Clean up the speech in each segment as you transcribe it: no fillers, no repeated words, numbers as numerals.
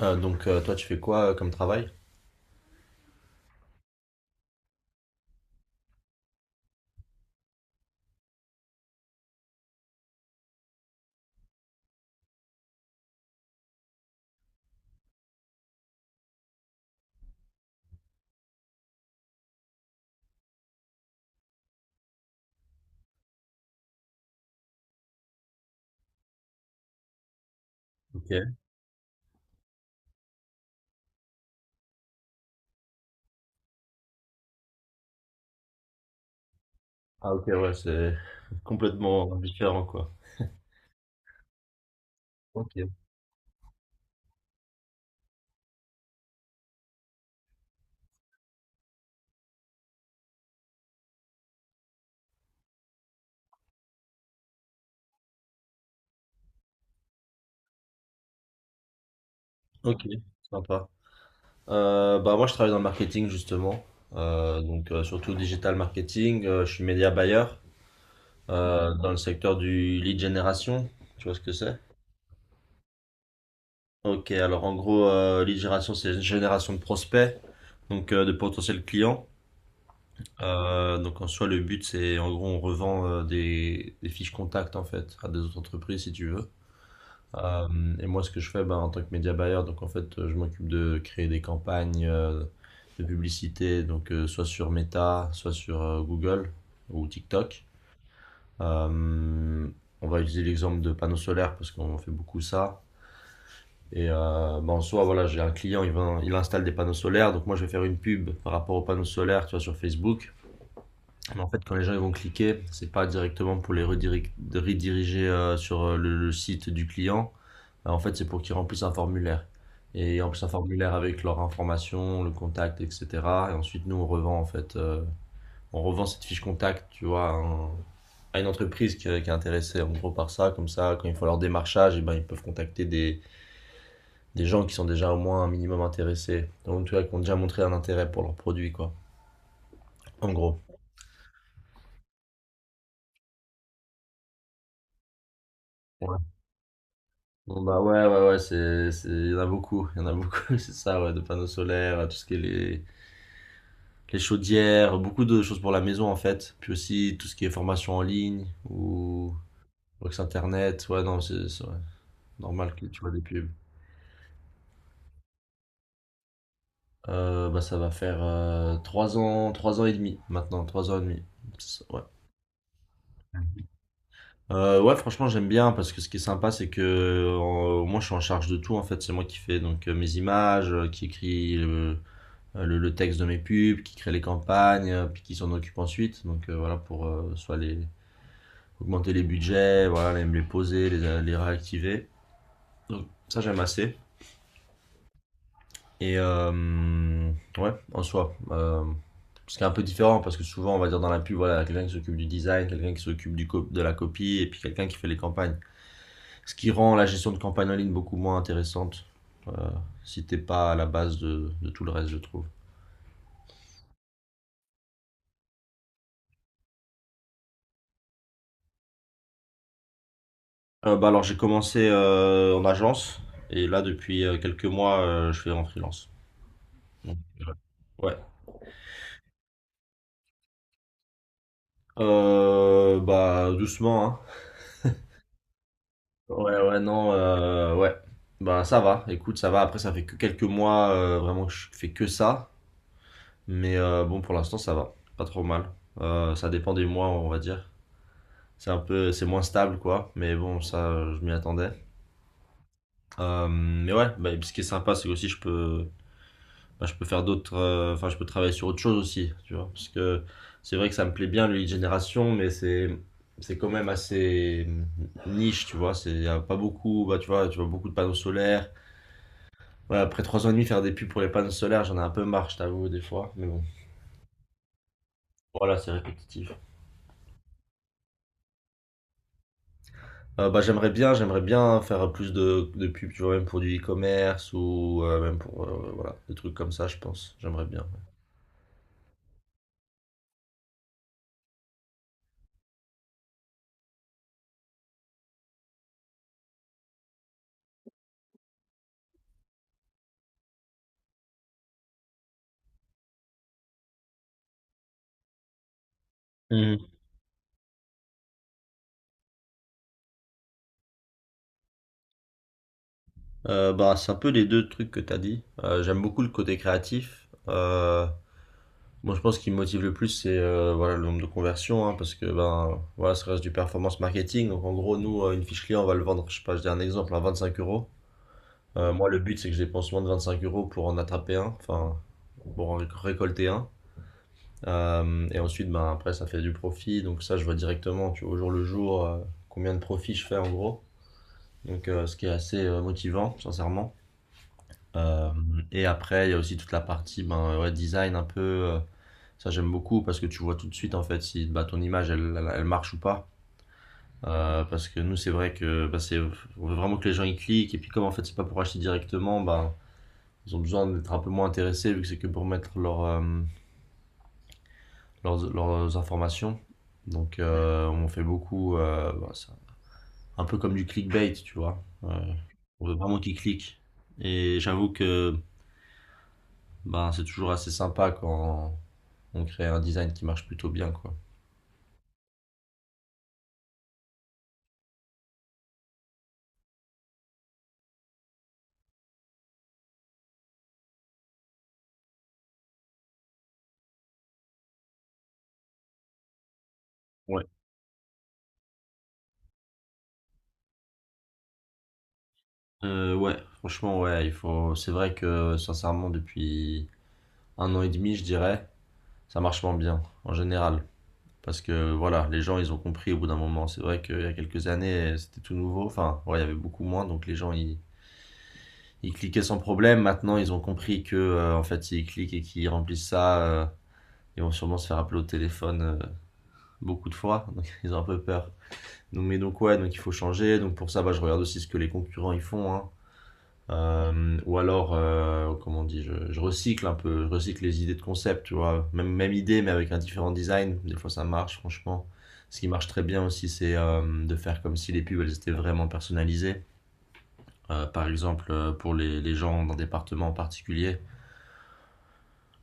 Ah, donc toi, tu fais quoi comme travail? Ok. Ah ok, ouais, c'est complètement différent, quoi. Ok. Ok, sympa. Bah moi, je travaille dans le marketing, justement. Donc surtout digital marketing. Je suis média buyer dans le secteur du lead generation. Tu vois ce que c'est? Ok, alors en gros, lead generation, c'est une génération de prospects, donc de potentiels clients. Donc en soi, le but, c'est en gros, on revend des fiches contacts, en fait, à des autres entreprises, si tu veux. Et moi, ce que je fais ben, en tant que média buyer, donc en fait, je m'occupe de créer des campagnes de publicité, donc soit sur Meta, soit sur Google ou TikTok. Euh, on va utiliser l'exemple de panneaux solaires parce qu'on fait beaucoup ça. Et ben, en soi, voilà, j'ai un client, il installe des panneaux solaires, donc moi, je vais faire une pub par rapport aux panneaux solaires, tu vois, sur Facebook. Mais en fait, quand les gens ils vont cliquer, c'est pas directement pour les rediri- de rediriger sur le site du client. En fait, c'est pour qu'ils remplissent un formulaire. Et ils remplissent un formulaire avec leur information, le contact, etc. Et ensuite, nous, on revend cette fiche contact, tu vois, à une entreprise qui est intéressée en gros par ça. Comme ça, quand ils font leur démarchage, et ben, ils peuvent contacter des gens qui sont déjà au moins un minimum intéressés. Donc, tu vois, qui ont déjà montré un intérêt pour leur produit, quoi. En gros. Bon bah, ouais, ouais, ouais, c'est il y en a beaucoup, il y en a beaucoup, c'est ça, ouais, de panneaux solaires, tout ce qui est les chaudières, beaucoup de choses pour la maison en fait, puis aussi tout ce qui est formation en ligne ou box internet. Ouais, non, c'est ouais, normal que tu vois des pubs. Bah ça va faire 3 ans et demi maintenant. 3 ans et demi. Ouais. Ouais, franchement, j'aime bien parce que ce qui est sympa, c'est que moi, je suis en charge de tout en fait. C'est moi qui fais donc mes images, qui écris, le texte de mes pubs, qui crée les campagnes, puis qui s'en occupe ensuite. Donc voilà, pour soit augmenter les budgets, voilà, les poser, les réactiver. Donc ça, j'aime assez. Et ouais, en soi, ce qui est un peu différent, parce que souvent, on va dire dans la pub, voilà, quelqu'un qui s'occupe du design, quelqu'un qui s'occupe de la copie, et puis quelqu'un qui fait les campagnes. Ce qui rend la gestion de campagne en ligne beaucoup moins intéressante, euh, si t'es pas à la base de tout le reste, je trouve. Bah alors j'ai commencé en agence. Et là depuis quelques mois je fais en freelance. Donc, ouais. Bah doucement hein. Ouais, ouais, non, ouais. Bah ça va, écoute ça va. Après ça fait que quelques mois vraiment que je fais que ça. Mais bon pour l'instant ça va, pas trop mal. Ça dépend des mois on va dire. C'est un peu C'est moins stable quoi. Mais bon ça je m'y attendais. Mais ouais bah, et puis ce qui est sympa c'est que aussi je peux faire d'autres, enfin, je peux travailler sur autre chose aussi, tu vois, parce que c'est vrai que ça me plaît bien le lead generation, mais c'est quand même assez niche, tu vois, c'est y a pas beaucoup, bah, tu vois beaucoup de panneaux solaires. Ouais, après 3 ans et demi faire des pubs pour les panneaux solaires, j'en ai un peu marre, je t'avoue, des fois, mais bon. Voilà, c'est répétitif. Bah, j'aimerais bien faire plus de pubs, tu vois, même pour du e-commerce ou même pour voilà, des trucs comme ça, je pense. J'aimerais bien. Mhm. Bah, c'est un peu les deux trucs que tu as dit. J'aime beaucoup le côté créatif. Moi, je pense qu'il me motive le plus, c'est voilà, le nombre de conversions, hein, parce que ben, voilà, ça reste du performance marketing. Donc, en gros, nous, une fiche client, on va le vendre, je sais pas, je dis un exemple, à 25 euros. Moi, le but, c'est que je dépense moins de 25 euros pour en attraper un, enfin, pour en récolter un. Et ensuite, ben, après, ça fait du profit. Donc, ça, je vois directement, tu vois, au jour le jour, combien de profit je fais en gros. Donc, ce qui est assez motivant, sincèrement. Euh, et après, il y a aussi toute la partie ben, ouais, design un peu. Ça, j'aime beaucoup parce que tu vois tout de suite en fait si bah, ton image elle marche ou pas. Parce que nous, c'est vrai que bah, on veut vraiment que les gens y cliquent. Et puis, comme en fait, c'est pas pour acheter directement, ben ils ont besoin d'être un peu moins intéressés vu que c'est que pour mettre leurs informations. Donc, on fait beaucoup. Un peu comme du clickbait, tu vois. On veut vraiment qu'ils cliquent. Et j'avoue que ben, c'est toujours assez sympa quand on crée un design qui marche plutôt bien, quoi. Ouais. Ouais, franchement, ouais, il faut. C'est vrai que sincèrement, depuis 1 an et demi, je dirais, ça marche moins bien en général. Parce que voilà, les gens, ils ont compris au bout d'un moment. C'est vrai qu'il y a quelques années, c'était tout nouveau. Enfin, ouais, il y avait beaucoup moins, donc les gens, ils cliquaient sans problème. Maintenant, ils ont compris que, en fait, s'ils cliquent et qu'ils remplissent ça, ils vont sûrement se faire appeler au téléphone beaucoup de fois. Donc, ils ont un peu peur. Ouais, donc il faut changer. Donc, pour ça, bah, je regarde aussi ce que les concurrents ils font, hein. Ou alors, comment on dit, je recycle les idées de concept, tu vois. Même idée, mais avec un différent design. Des fois, ça marche, franchement. Ce qui marche très bien aussi, c'est de faire comme si les pubs, elles étaient vraiment personnalisées. Par exemple, pour les gens d'un département en particulier.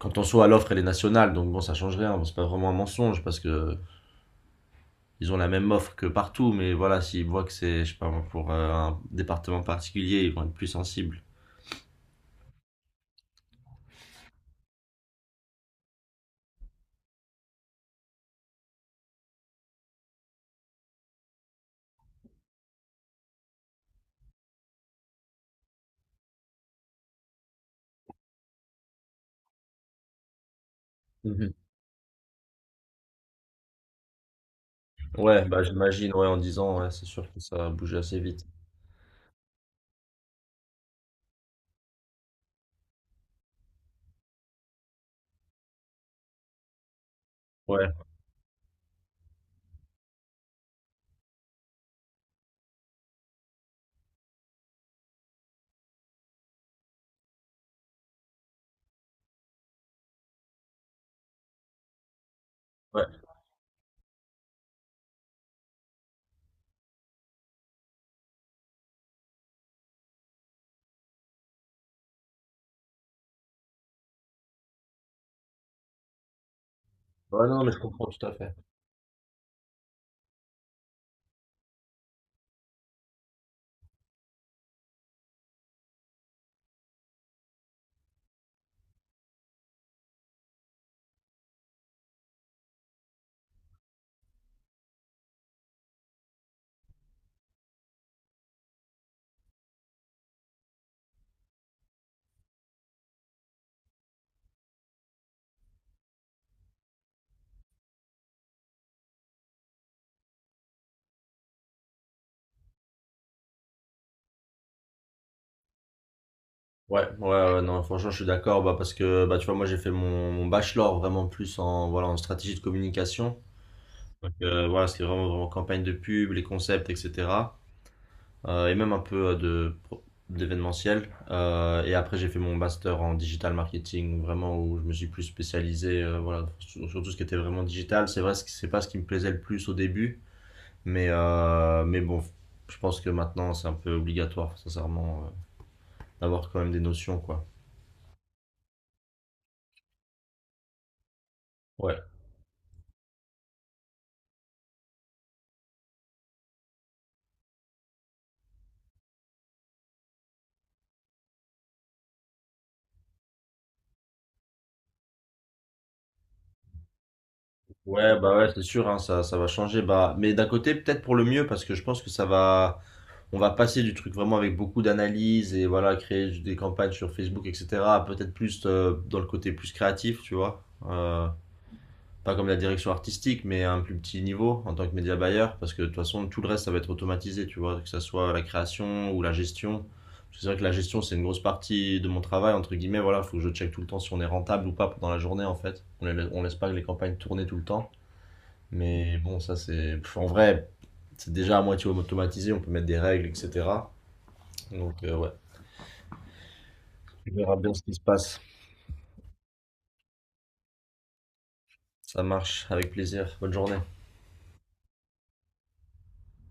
Quand on soit à l'offre, elle est nationale, donc bon, ça change rien. Bon, c'est pas vraiment un mensonge parce que ils ont la même offre que partout, mais voilà, s'ils voient que c'est, je sais pas, moi, pour un département particulier, ils vont être plus sensibles. Ouais, bah j'imagine, ouais, en 10 ans, ouais, c'est sûr que ça a bougé assez vite. Ouais, ouais. Ouais, non, mais je comprends tout à fait. Ouais, ouais, ouais, non, franchement, je suis d'accord, bah, parce que, bah, tu vois, moi, j'ai fait mon bachelor vraiment plus en, voilà, en stratégie de communication. Donc, voilà, c'était vraiment, vraiment campagne de pub, les concepts, etc. Et même un peu d'événementiel. Et après, j'ai fait mon master en digital marketing, vraiment, où je me suis plus spécialisé, voilà, sur tout ce qui était vraiment digital. C'est vrai, c'est pas ce qui me plaisait le plus au début. Mais bon, je pense que maintenant, c'est un peu obligatoire, sincèrement, d'avoir quand même des notions, quoi. Ouais. Ouais, bah ouais, c'est sûr, hein, ça va changer. Bah, mais d'un côté, peut-être pour le mieux, parce que je pense que ça va, on va passer du truc vraiment avec beaucoup d'analyse et voilà, créer des campagnes sur Facebook, etc. à peut-être plus dans le côté plus créatif, tu vois. Euh, Pas comme la direction artistique, mais à un plus petit niveau en tant que média buyer, parce que de toute façon, tout le reste, ça va être automatisé, tu vois, que ce soit la création ou la gestion. C'est vrai que la gestion, c'est une grosse partie de mon travail, entre guillemets. Voilà, il faut que je check tout le temps si on est rentable ou pas pendant la journée, en fait. On, les, laisse pas les campagnes tourner tout le temps. Mais bon, ça, c'est. En vrai, c'est déjà à moitié automatisé, on peut mettre des règles, etc. Donc, ouais. On verra bien ce qui se passe. Ça marche, avec plaisir. Bonne journée.